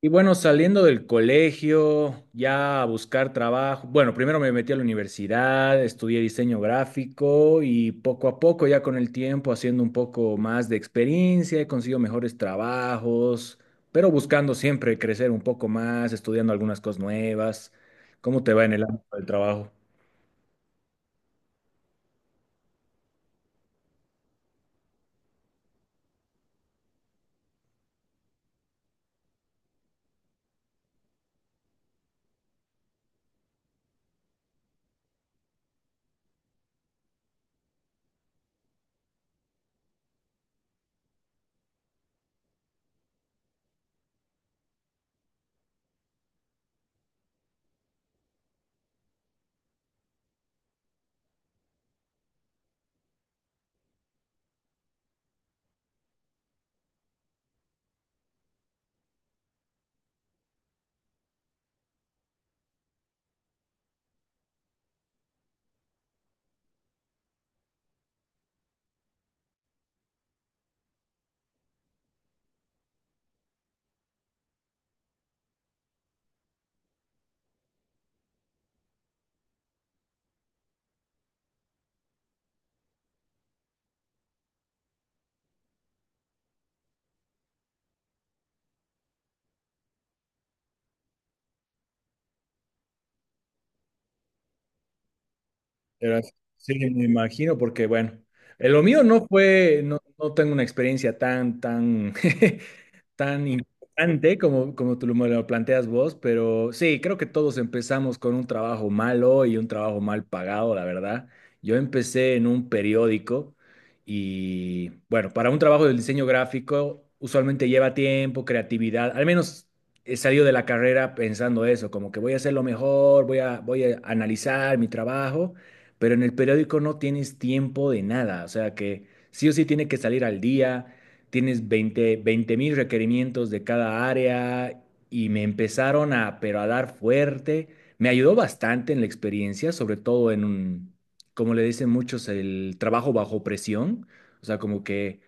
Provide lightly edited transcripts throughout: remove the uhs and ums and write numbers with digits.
Y bueno, saliendo del colegio, ya a buscar trabajo. Bueno, primero me metí a la universidad, estudié diseño gráfico y poco a poco, ya con el tiempo, haciendo un poco más de experiencia, he conseguido mejores trabajos, pero buscando siempre crecer un poco más, estudiando algunas cosas nuevas. ¿Cómo te va en el ámbito del trabajo? Pero sí, me imagino, porque bueno, lo mío no fue, no tengo una experiencia tan, tan, tan importante como tú me lo planteas vos, pero sí, creo que todos empezamos con un trabajo malo y un trabajo mal pagado, la verdad. Yo empecé en un periódico y bueno, para un trabajo del diseño gráfico usualmente lleva tiempo, creatividad, al menos he salido de la carrera pensando eso, como que voy a hacer lo mejor, voy a analizar mi trabajo, pero en el periódico no tienes tiempo de nada, o sea que sí o sí tiene que salir al día, tienes 20 mil requerimientos de cada área y me empezaron a, pero a dar fuerte, me ayudó bastante en la experiencia, sobre todo en un, como le dicen muchos, el trabajo bajo presión, o sea, como que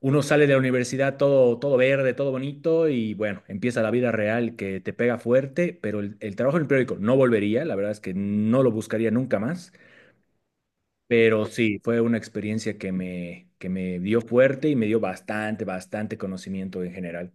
uno sale de la universidad todo, todo verde, todo bonito y bueno, empieza la vida real que te pega fuerte, pero el trabajo en el periódico no volvería, la verdad es que no lo buscaría nunca más. Pero sí, fue una experiencia que que me dio fuerte y me dio bastante, bastante conocimiento en general.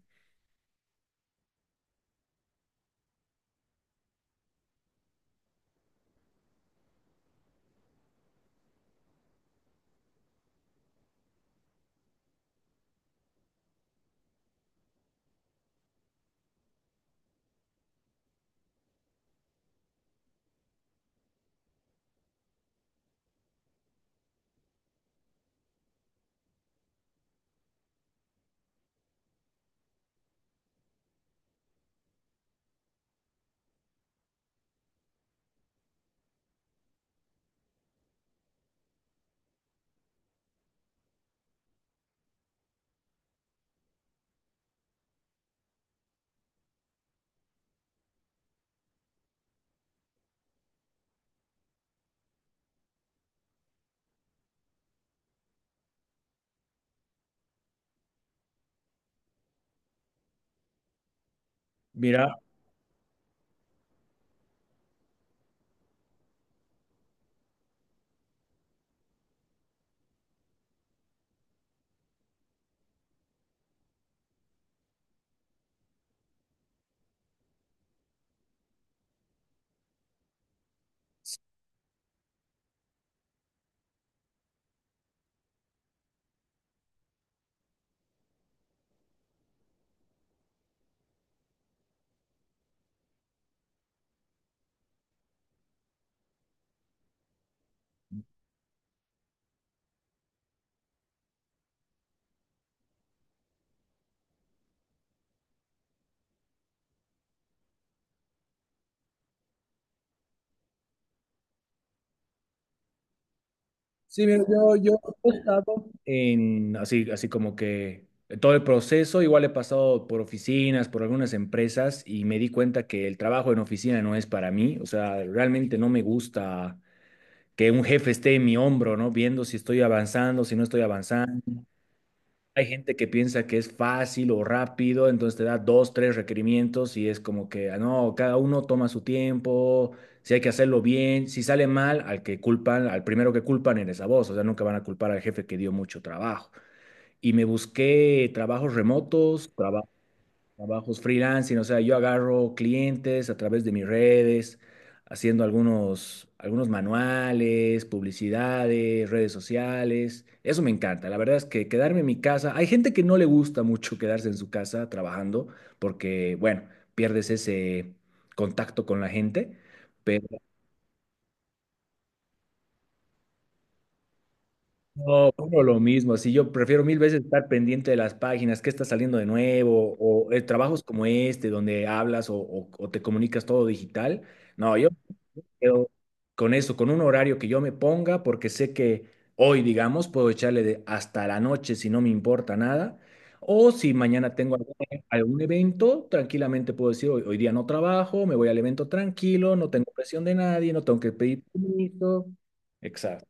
Mira, en, así, así como que todo el proceso, igual he pasado por oficinas, por algunas empresas y me di cuenta que el trabajo en oficina no es para mí. O sea, realmente no me gusta que un jefe esté en mi hombro, ¿no? Viendo si estoy avanzando, si no estoy avanzando. Hay gente que piensa que es fácil o rápido, entonces te da dos, tres requerimientos y es como que, ah, no, cada uno toma su tiempo, si hay que hacerlo bien, si sale mal, al que culpan, al primero que culpan eres a vos, o sea, nunca van a culpar al jefe que dio mucho trabajo. Y me busqué trabajos remotos, trabajos freelancing, o sea, yo agarro clientes a través de mis redes, haciendo algunos, algunos manuales, publicidades, redes sociales. Eso me encanta. La verdad es que quedarme en mi casa, hay gente que no le gusta mucho quedarse en su casa trabajando porque, bueno, pierdes ese contacto con la gente. Pero no, uno lo mismo, si yo prefiero mil veces estar pendiente de las páginas, qué está saliendo de nuevo, o trabajos como este, donde hablas o o te comunicas todo digital, no, yo quedo con eso, con un horario que yo me ponga, porque sé que hoy, digamos, puedo echarle de hasta la noche si no me importa nada. O si mañana tengo algún, algún evento, tranquilamente puedo decir, hoy, día no trabajo, me voy al evento tranquilo, no tengo presión de nadie, no tengo que pedir permiso. Exacto.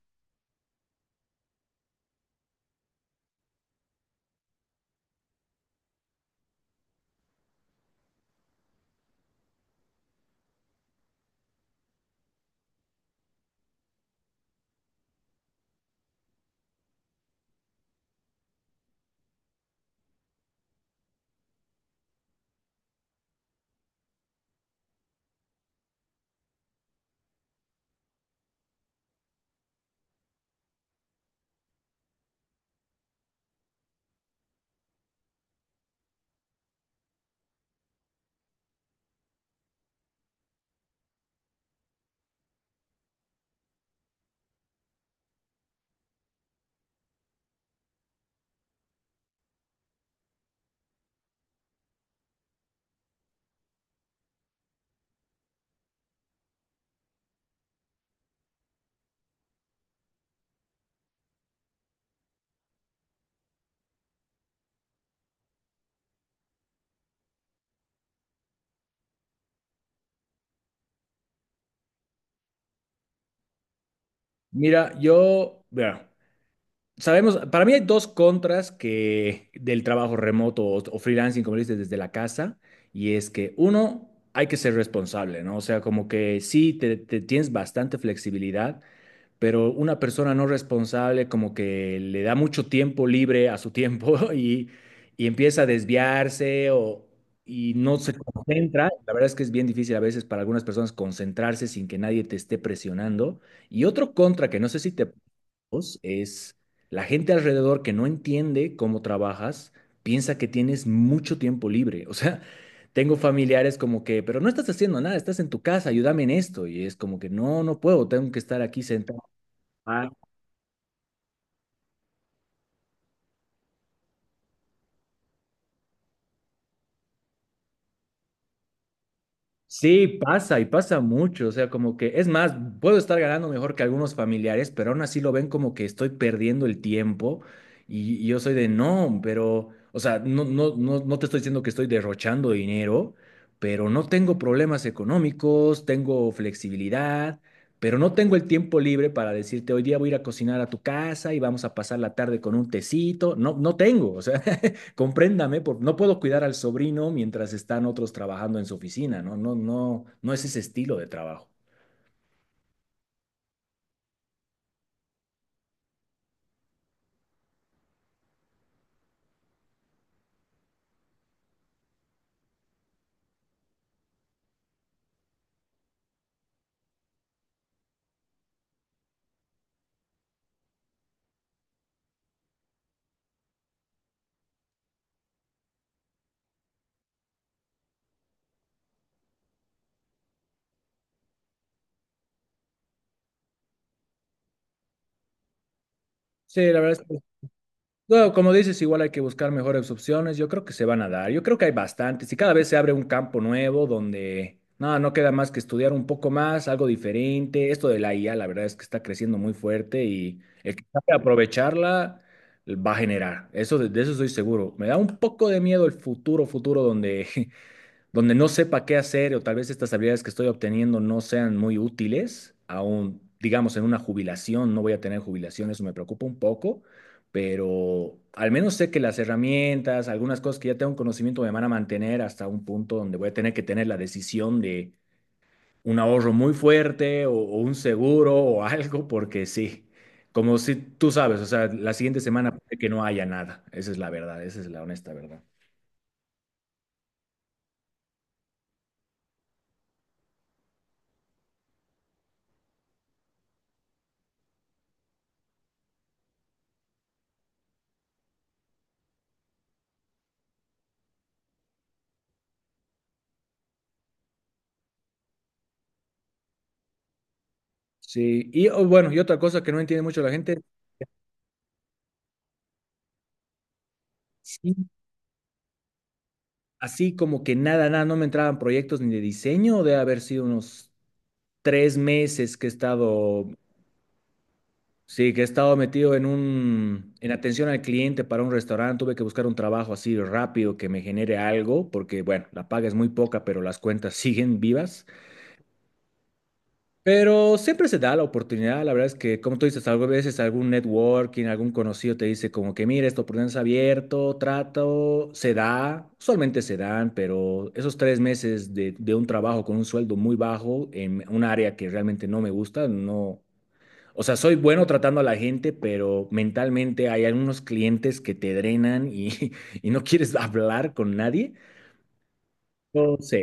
Mira, yo, vea, sabemos, para mí hay dos contras que del trabajo remoto o freelancing, como dices, desde la casa, y es que uno, hay que ser responsable, ¿no? O sea, como que sí, te, tienes bastante flexibilidad, pero una persona no responsable como que le da mucho tiempo libre a su tiempo y empieza a desviarse o, y no se concentra. La verdad es que es bien difícil a veces para algunas personas concentrarse sin que nadie te esté presionando. Y otro contra que no sé si te dos, es la gente alrededor que no entiende cómo trabajas, piensa que tienes mucho tiempo libre. O sea, tengo familiares como que, pero no estás haciendo nada, estás en tu casa, ayúdame en esto. Y es como que, no, no puedo, tengo que estar aquí sentado. Sí, pasa y pasa mucho, o sea, como que es más, puedo estar ganando mejor que algunos familiares, pero aún así lo ven como que estoy perdiendo el tiempo y yo soy de no, pero, o sea, no, no, no, no te estoy diciendo que estoy derrochando dinero, pero no tengo problemas económicos, tengo flexibilidad, pero no tengo el tiempo libre para decirte hoy día voy a ir a cocinar a tu casa y vamos a pasar la tarde con un tecito, no, no tengo, o sea, compréndame, por, no puedo cuidar al sobrino mientras están otros trabajando en su oficina, ¿no? No, no, no es ese estilo de trabajo. Sí, la verdad es que, no, como dices, igual hay que buscar mejores opciones. Yo creo que se van a dar. Yo creo que hay bastantes y cada vez se abre un campo nuevo donde no, no queda más que estudiar un poco más, algo diferente. Esto de la IA, la verdad es que está creciendo muy fuerte y el que sabe aprovecharla va a generar. Eso de, eso estoy seguro. Me da un poco de miedo el futuro, futuro donde donde no sepa qué hacer o tal vez estas habilidades que estoy obteniendo no sean muy útiles, aún, digamos, en una jubilación, no voy a tener jubilación, eso me preocupa un poco, pero al menos sé que las herramientas, algunas cosas que ya tengo conocimiento me van a mantener hasta un punto donde voy a tener que tener la decisión de un ahorro muy fuerte o un seguro o algo, porque sí. Como si tú sabes, o sea, la siguiente semana puede que no haya nada. Esa es la verdad, esa es la honesta verdad. Sí, y oh, bueno, y otra cosa que no entiende mucho la gente, sí, así como que nada, nada, no me entraban proyectos ni de diseño, de haber sido unos 3 meses que he estado, sí, que he estado metido en atención al cliente para un restaurante, tuve que buscar un trabajo así rápido que me genere algo, porque bueno, la paga es muy poca, pero las cuentas siguen vivas. Pero siempre se da la oportunidad, la verdad es que, como tú dices, algunas veces algún networking, algún conocido te dice como que, mira, esta oportunidad está abierto, trato, se da, usualmente se dan, pero esos 3 meses de, un trabajo con un sueldo muy bajo en un área que realmente no me gusta, no, o sea, soy bueno tratando a la gente, pero mentalmente hay algunos clientes que te drenan y, y no quieres hablar con nadie. No sé,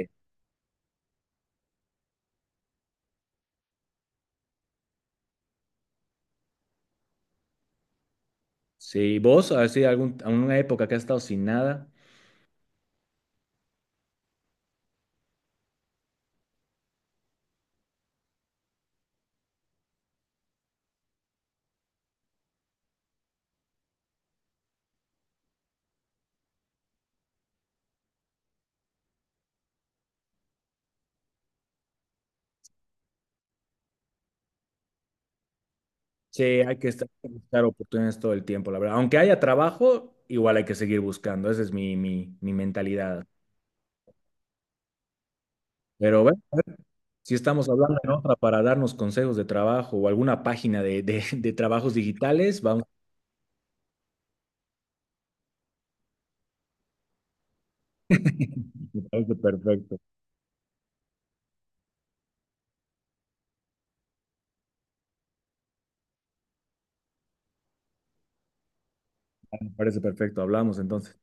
sí, vos, a ver si alguna época que has estado sin nada. Sí, hay que estar, hay que buscar oportunidades todo el tiempo, la verdad. Aunque haya trabajo, igual hay que seguir buscando. Esa es mi, mi mentalidad. Pero bueno, si estamos hablando en otra para darnos consejos de trabajo o alguna página de, de trabajos digitales, vamos. Me parece perfecto, me parece perfecto. Hablamos entonces.